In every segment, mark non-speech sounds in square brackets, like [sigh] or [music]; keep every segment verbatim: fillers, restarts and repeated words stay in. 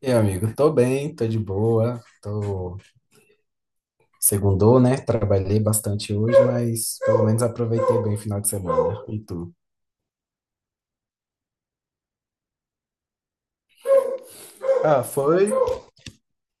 E aí, amigo, tô bem, tô de boa, tô segundou, né? Trabalhei bastante hoje, mas pelo menos aproveitei bem o final de semana. E tu? Ah, foi,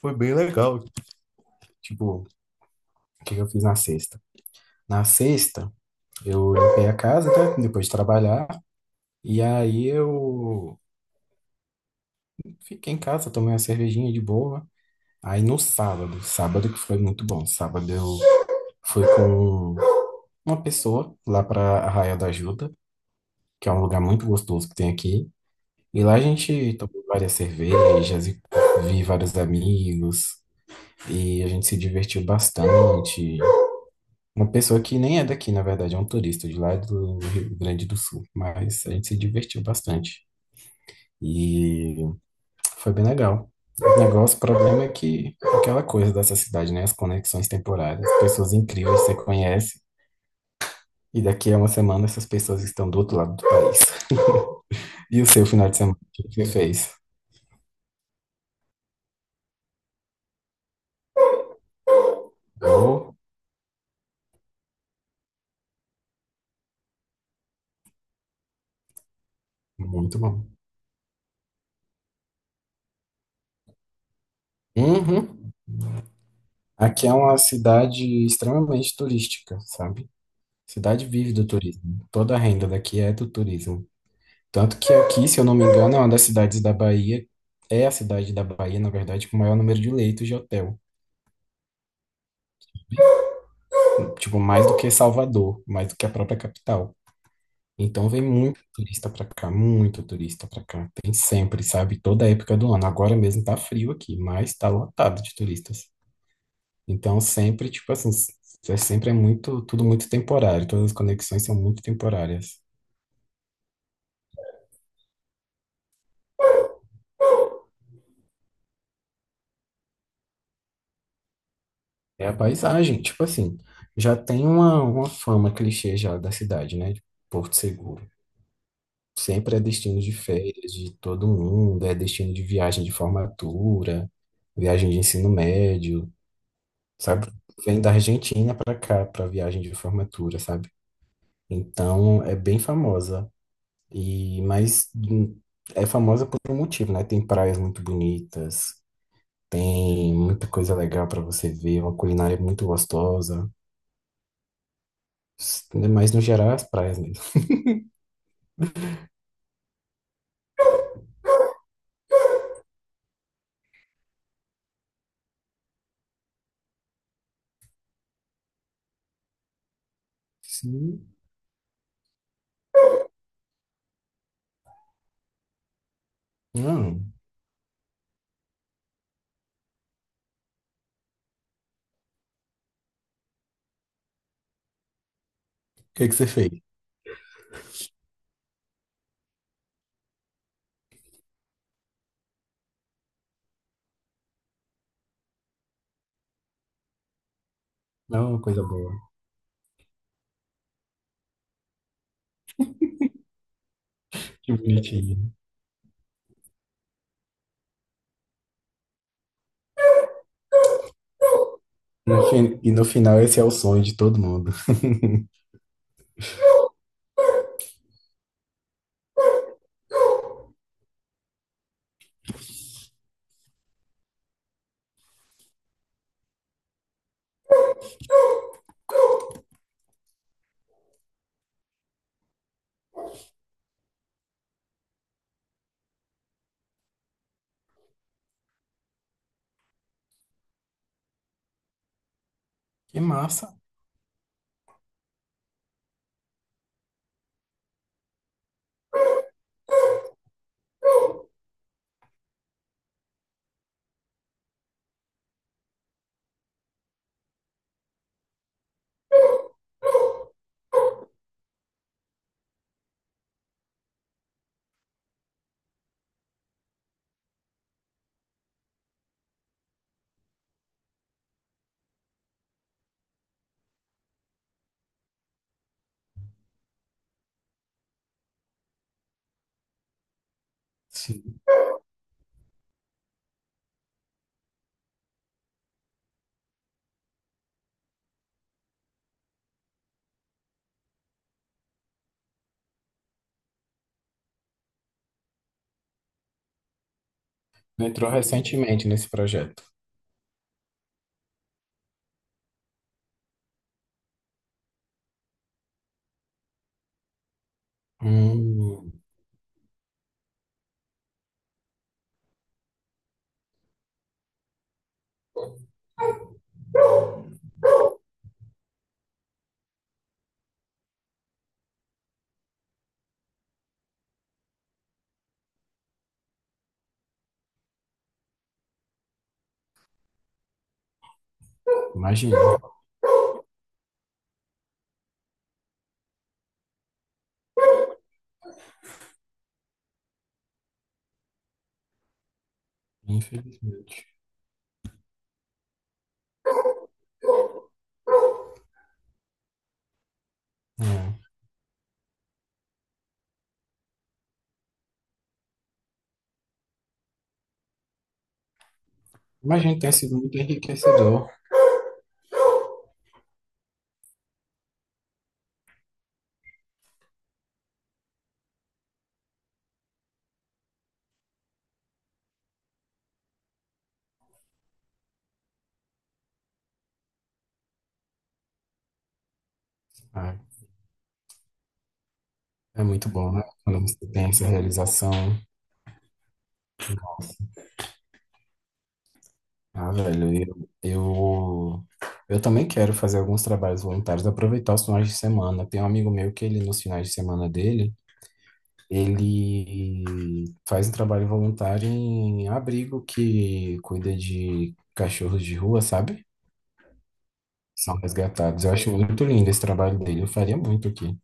foi bem legal. Tipo, o que que eu fiz na sexta? Na sexta, eu limpei a casa, né? Depois de trabalhar, e aí eu fiquei em casa, tomei uma cervejinha de boa. Aí no sábado, sábado que foi muito bom. Sábado eu fui com uma pessoa lá pra Arraial da Ajuda, que é um lugar muito gostoso que tem aqui. E lá a gente tomou várias cervejas e vi vários amigos e a gente se divertiu bastante. Uma pessoa que nem é daqui, na verdade, é um turista de lá é do Rio Grande do Sul, mas a gente se divertiu bastante e foi bem legal. O negócio, o problema é que aquela coisa dessa cidade, né? As conexões temporárias, pessoas incríveis que você conhece e daqui a uma semana essas pessoas estão do outro lado do país. [laughs] E o seu final de semana, o que você fez? Oh, muito bom. Uhum. Aqui é uma cidade extremamente turística, sabe? Cidade vive do turismo. Toda a renda daqui é do turismo. Tanto que aqui, se eu não me engano, é uma das cidades da Bahia, é a cidade da Bahia, na verdade, com o maior número de leitos de hotel. Tipo, mais do que Salvador, mais do que a própria capital. Então vem muito turista pra cá, muito turista pra cá. Tem sempre, sabe? Toda época do ano. Agora mesmo tá frio aqui, mas tá lotado de turistas. Então sempre, tipo assim, s- é sempre é muito, tudo muito temporário, todas as conexões são muito temporárias. É a paisagem, tipo assim, já tem uma, uma fama clichê já da cidade, né? De Porto Seguro. Sempre é destino de férias de todo mundo, é destino de viagem de formatura, viagem de ensino médio, sabe? Vem da Argentina para cá para viagem de formatura, sabe? Então é bem famosa. E, mas hum, é famosa por um motivo, né? Tem praias muito bonitas, tem muita coisa legal para você ver, uma culinária muito gostosa. S- Mas no geral, é as praias mesmo. Sim. Não. O que que você fez? Não, uma coisa boa. Que bonitinho. No fi- E no final, esse é o sonho de todo mundo. [laughs] Que massa. Sim. Entrou recentemente nesse projeto. Hum, imagino. Infelizmente. É. Imagino que tenha sido muito enriquecedor. É. É muito bom, né? Quando você tem essa realização. Ah, velho, eu, eu, eu também quero fazer alguns trabalhos voluntários, aproveitar os finais de semana. Tem um amigo meu que ele, nos finais de semana dele, ele faz um trabalho voluntário em abrigo que cuida de cachorros de rua, sabe? São resgatados. Eu acho muito lindo esse trabalho dele. Eu faria muito aqui.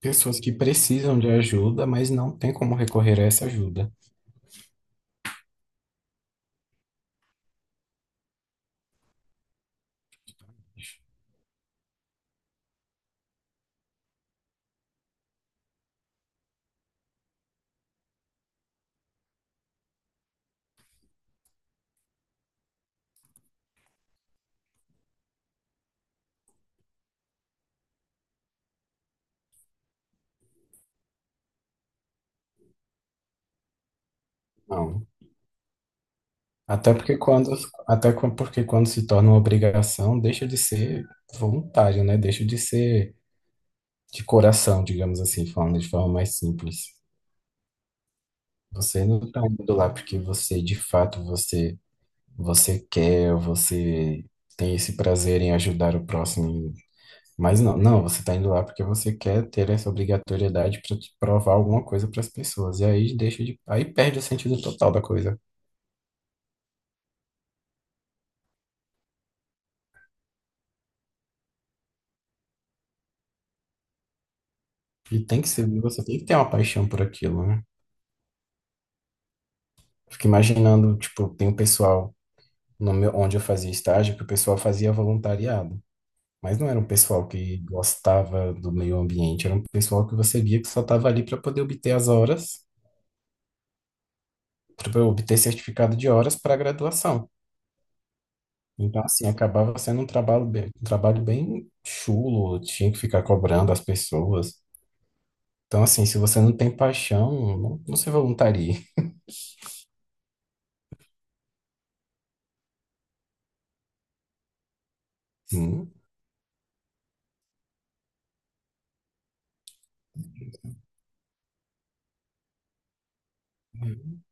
Pessoas que precisam de ajuda, mas não tem como recorrer a essa ajuda. Não. Até porque quando, até quan- porque quando se torna uma obrigação, deixa de ser voluntário, né? Deixa de ser de coração, digamos assim, falando de forma mais simples. Você não está indo lá porque você, de fato, você você quer, você tem esse prazer em ajudar o próximo. Mas não, não, você está indo lá porque você quer ter essa obrigatoriedade para provar alguma coisa para as pessoas. E aí deixa de, aí perde o sentido total da coisa. E tem que ser, você tem que ter uma paixão por aquilo, né? Fico imaginando, tipo, tem um pessoal no meu, onde eu fazia estágio que o pessoal fazia voluntariado, mas não era um pessoal que gostava do meio ambiente, era um pessoal que você via que só estava ali para poder obter as horas, para obter certificado de horas para a graduação. Então, assim, acabava sendo um trabalho bem, um trabalho bem chulo, tinha que ficar cobrando as pessoas. Então, assim, se você não tem paixão, não, não se voluntarie. Hum, hum.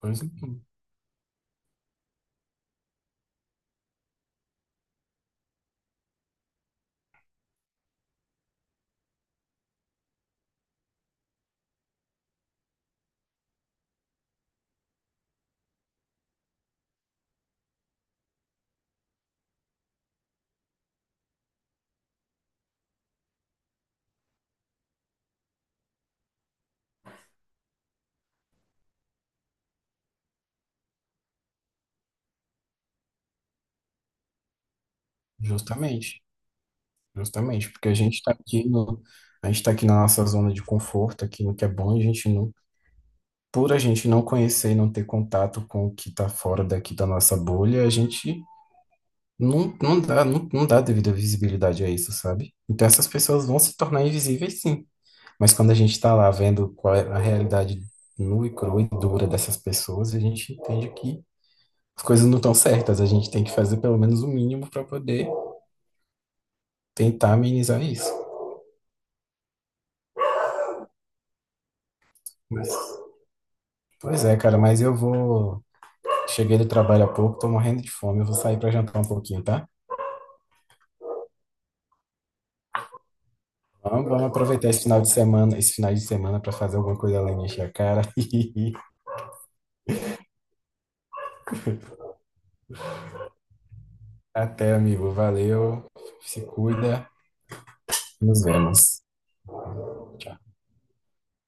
Pois, é, justamente. Justamente, porque a gente está aqui no, a gente tá aqui na nossa zona de conforto, aqui no que é bom, e a gente não, por a gente não conhecer e não ter contato com o que está fora daqui da nossa bolha, a gente não, não dá, não, não dá devida visibilidade a isso, sabe? Então essas pessoas vão se tornar invisíveis, sim. Mas quando a gente está lá vendo qual é a realidade nua e crua e dura dessas pessoas, a gente entende que as coisas não estão certas, a gente tem que fazer pelo menos o mínimo para poder tentar amenizar isso. Mas pois é, cara, mas eu vou. Cheguei do trabalho há pouco, tô morrendo de fome. Eu vou sair pra jantar um pouquinho, tá? Vamos, vamos aproveitar esse final de semana, esse final de semana para fazer alguma coisa além de encher a cara. [laughs] Até, amigo. Valeu. Se cuida. Nos vemos. Tchau.